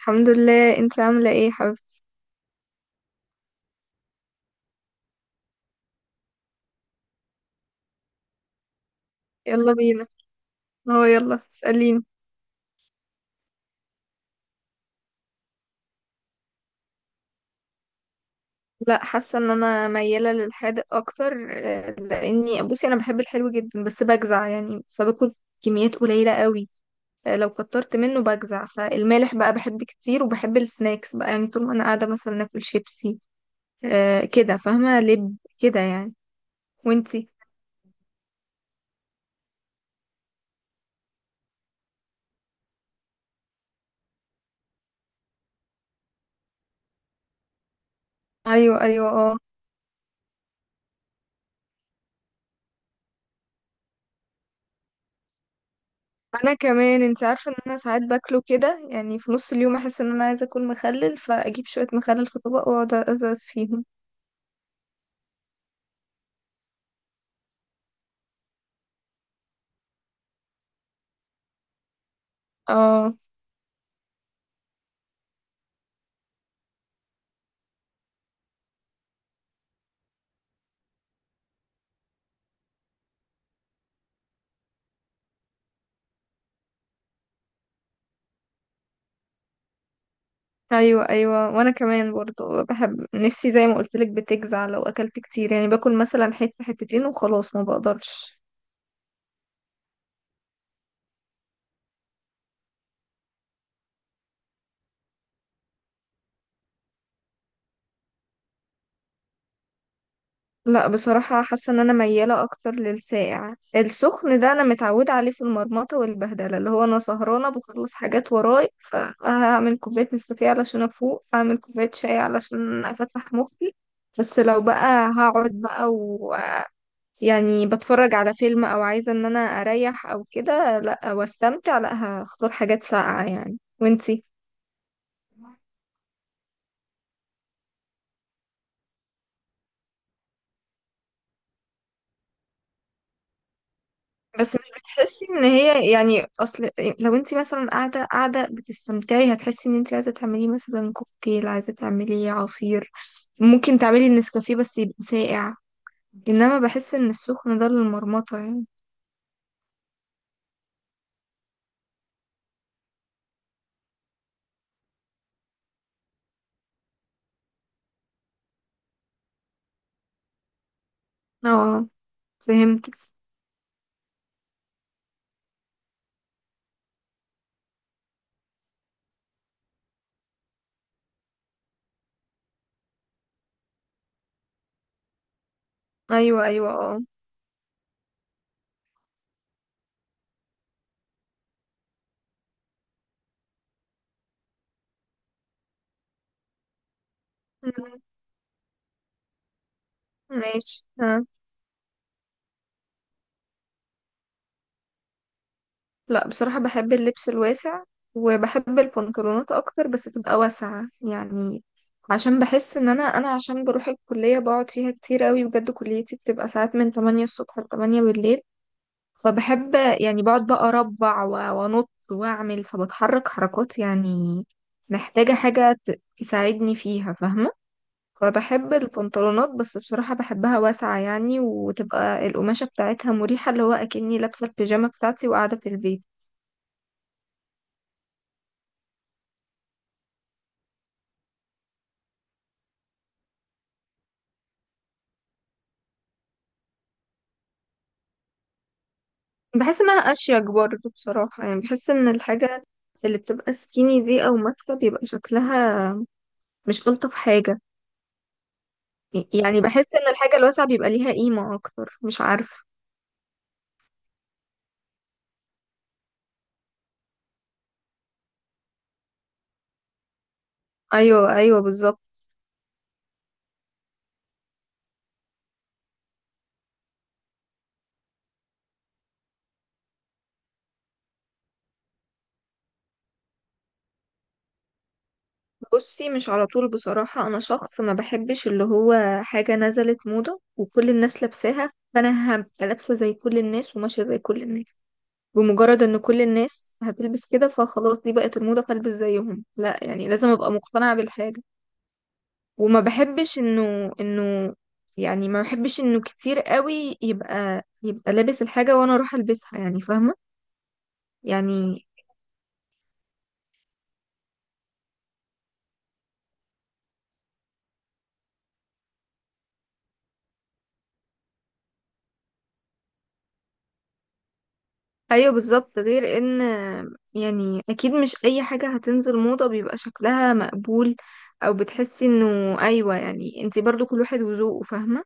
الحمد لله، انت عاملة ايه يا حبيبتي؟ يلا بينا. هو يلا اسأليني. لا، حاسة ان انا ميالة للحادق اكتر. لاني بصي انا بحب الحلو جدا بس بجزع يعني فباكل كميات قليلة قوي. لو كترت منه بجزع، فالمالح بقى بحب كتير، وبحب السناكس بقى يعني طول ما انا قاعدة مثلا اكل شيبسي. كده، فاهمة لب كده يعني. وانتي؟ ايوه ايوه اه. انا كمان، انت عارفه ان انا ساعات باكله كده، يعني في نص اليوم احس ان انا عايزه اكل مخلل، فاجيب شويه مخلل في طبق واقعد ادرس فيهم. اه ايوه ايوه، وانا كمان برضو بحب نفسي، زي ما قلت لك بتجزع لو اكلت كتير، يعني باكل مثلا حته حتتين وخلاص ما بقدرش. لا بصراحة، حاسة ان انا ميالة اكتر للساقع. السخن ده انا متعودة عليه في المرمطة والبهدلة، اللي هو انا سهرانة بخلص حاجات وراي، فهعمل كوباية نسكافيه علشان افوق، اعمل كوباية شاي علشان افتح مخي. بس لو بقى هقعد بقى ويعني بتفرج على فيلم او عايزة ان انا اريح او كده لا واستمتع، لا هختار حاجات ساقعة يعني. وانتي؟ بس مش بتحسي ان هي يعني، اصل لو انت مثلا قاعده قاعده بتستمتعي هتحسي ان انت عايزه تعملي مثلا كوكتيل، عايزه تعملي عصير. ممكن تعملي النسكافيه بس يبقى ساقع. انما بحس ان السخن ده للمرمطه يعني. اه، فهمت. ايوه ايوه اه. مم. ماشي آه. لا بصراحة بحب اللبس الواسع، وبحب البنطلونات اكتر بس تبقى واسعة يعني. عشان بحس ان انا، انا عشان بروح الكلية بقعد فيها كتير قوي، بجد كليتي بتبقى ساعات من 8 الصبح ل 8 بالليل. فبحب، يعني بقعد بقى اربع وانط واعمل، فبتحرك حركات يعني. محتاجة حاجة تساعدني فيها، فاهمة؟ فبحب البنطلونات، بس بصراحة بحبها واسعة يعني، وتبقى القماشة بتاعتها مريحة اللي هو أكني لابسة البيجامة بتاعتي وقاعدة في البيت. بحس انها اشيك برضه بصراحة، يعني بحس ان الحاجة اللي بتبقى سكيني دي او ماسكة بيبقى شكلها مش الطف حاجة. يعني بحس ان الحاجة الواسعة بيبقى ليها قيمة اكتر، مش عارفة. ايوه ايوه بالظبط. بصي مش على طول، بصراحة انا شخص ما بحبش اللي هو حاجة نزلت موضة وكل الناس لابساها فانا هبقى لابسة زي كل الناس وماشية زي كل الناس. بمجرد ان كل الناس هتلبس كده فخلاص دي بقت الموضة فالبس زيهم، لا، يعني لازم ابقى مقتنعة بالحاجة. وما بحبش انه يعني ما بحبش انه كتير قوي يبقى لابس الحاجة وانا اروح البسها، يعني فاهمة يعني. ايوه بالظبط، غير ان يعني اكيد مش اي حاجة هتنزل موضة بيبقى شكلها مقبول، او بتحسي انه ايوه، يعني انتي برضو كل واحد وذوقه، فاهمة.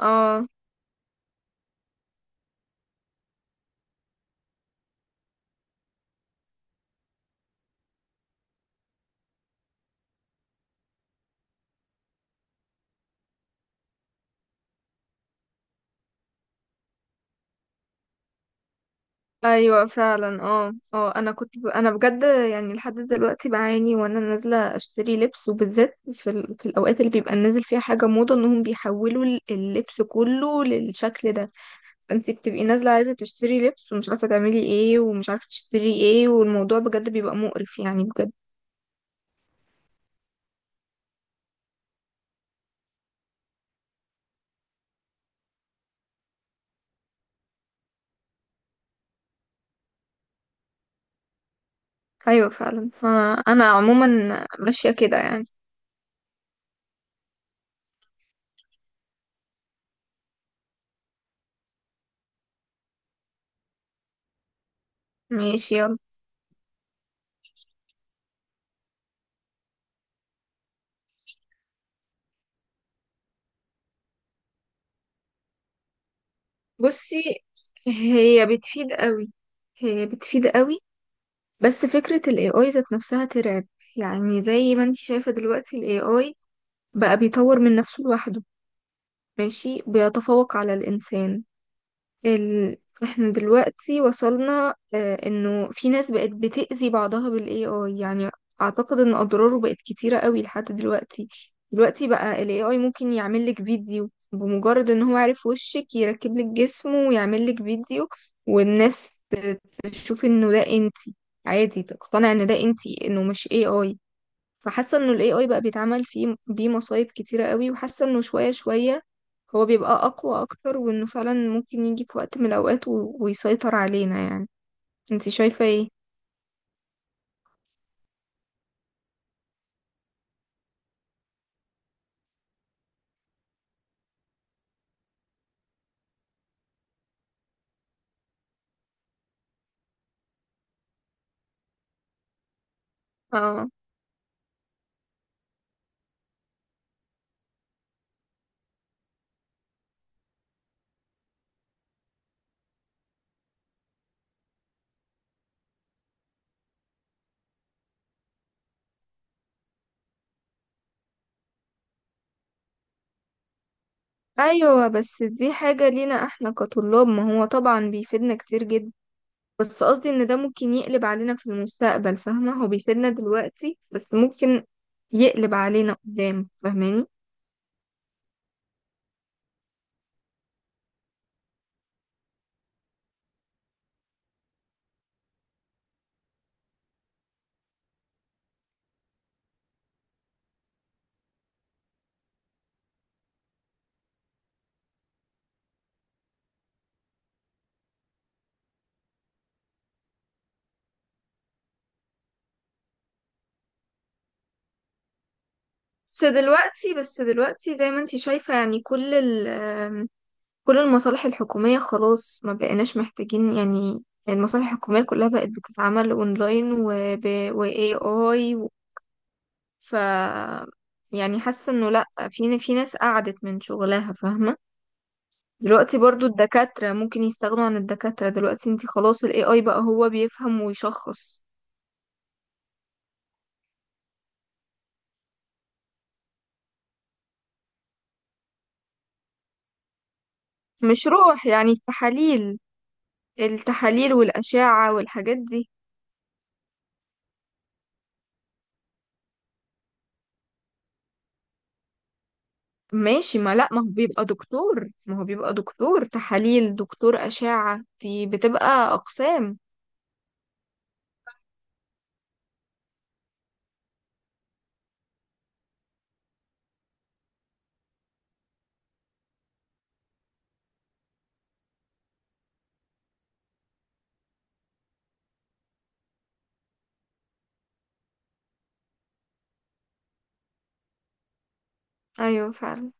اه ايوه فعلا اه اه. انا كنت انا بجد يعني لحد دلوقتي بعاني وانا نازله اشتري لبس، وبالذات في الاوقات اللي بيبقى نازل فيها حاجه موضه، انهم بيحولوا اللبس كله للشكل ده. فانت بتبقي نازله عايزه تشتري لبس ومش عارفه تعملي ايه ومش عارفه تشتري ايه، والموضوع بجد بيبقى مقرف يعني بجد. ايوه فعلا، فانا عموما ماشيه كده يعني. ماشي يلا. بصي، هي بتفيد قوي هي بتفيد قوي. بس فكرة ال AI ذات نفسها ترعب. يعني زي ما انت شايفة دلوقتي ال AI بقى بيطور من نفسه لوحده، ماشي بيتفوق على الإنسان. ال... احنا دلوقتي وصلنا انه في ناس بقت بتأذي بعضها بالاي اي يعني. اعتقد ان اضراره بقت كتيرة قوي لحد دلوقتي. دلوقتي بقى الاي اي ممكن يعمل لك فيديو بمجرد ان هو عارف وشك، يركب لك جسمه ويعمل لك فيديو. والناس تشوف انه ده انتي، عادي تقتنع ان ده انتي، انه مش اي اي. فحاسه انه الاي اي بقى بيتعمل فيه بيه مصايب كتيره قوي، وحاسه انه شويه شويه هو بيبقى اقوى اكتر، وانه فعلا ممكن يجي في وقت من الاوقات ويسيطر علينا يعني. انتي شايفه ايه؟ اه ايوه، بس دي حاجه لينا احنا كطلاب، ما هو طبعا بيفيدنا كتير جدا، بس قصدي ان ده ممكن يقلب علينا في المستقبل، فاهمه؟ هو بيفيدنا دلوقتي بس ممكن يقلب علينا قدام، فاهماني؟ بس دلوقتي، زي ما انتي شايفة، يعني كل المصالح الحكومية خلاص ما بقيناش محتاجين، يعني المصالح الحكومية كلها بقت بتتعمل اونلاين و AI و... ف يعني حاسة انه لأ، في ناس قعدت من شغلها، فاهمة. دلوقتي برضو الدكاترة ممكن يستغنوا عن الدكاترة، دلوقتي انتي خلاص ال AI بقى هو بيفهم ويشخص. مش روح، يعني التحاليل، التحاليل والأشعة والحاجات دي. ماشي. ما لا، ما هو بيبقى دكتور تحاليل، دكتور أشعة، دي بتبقى أقسام. أيوة فعلا.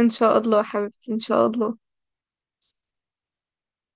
إن شاء الله يا حبيبتي، إن شاء الله.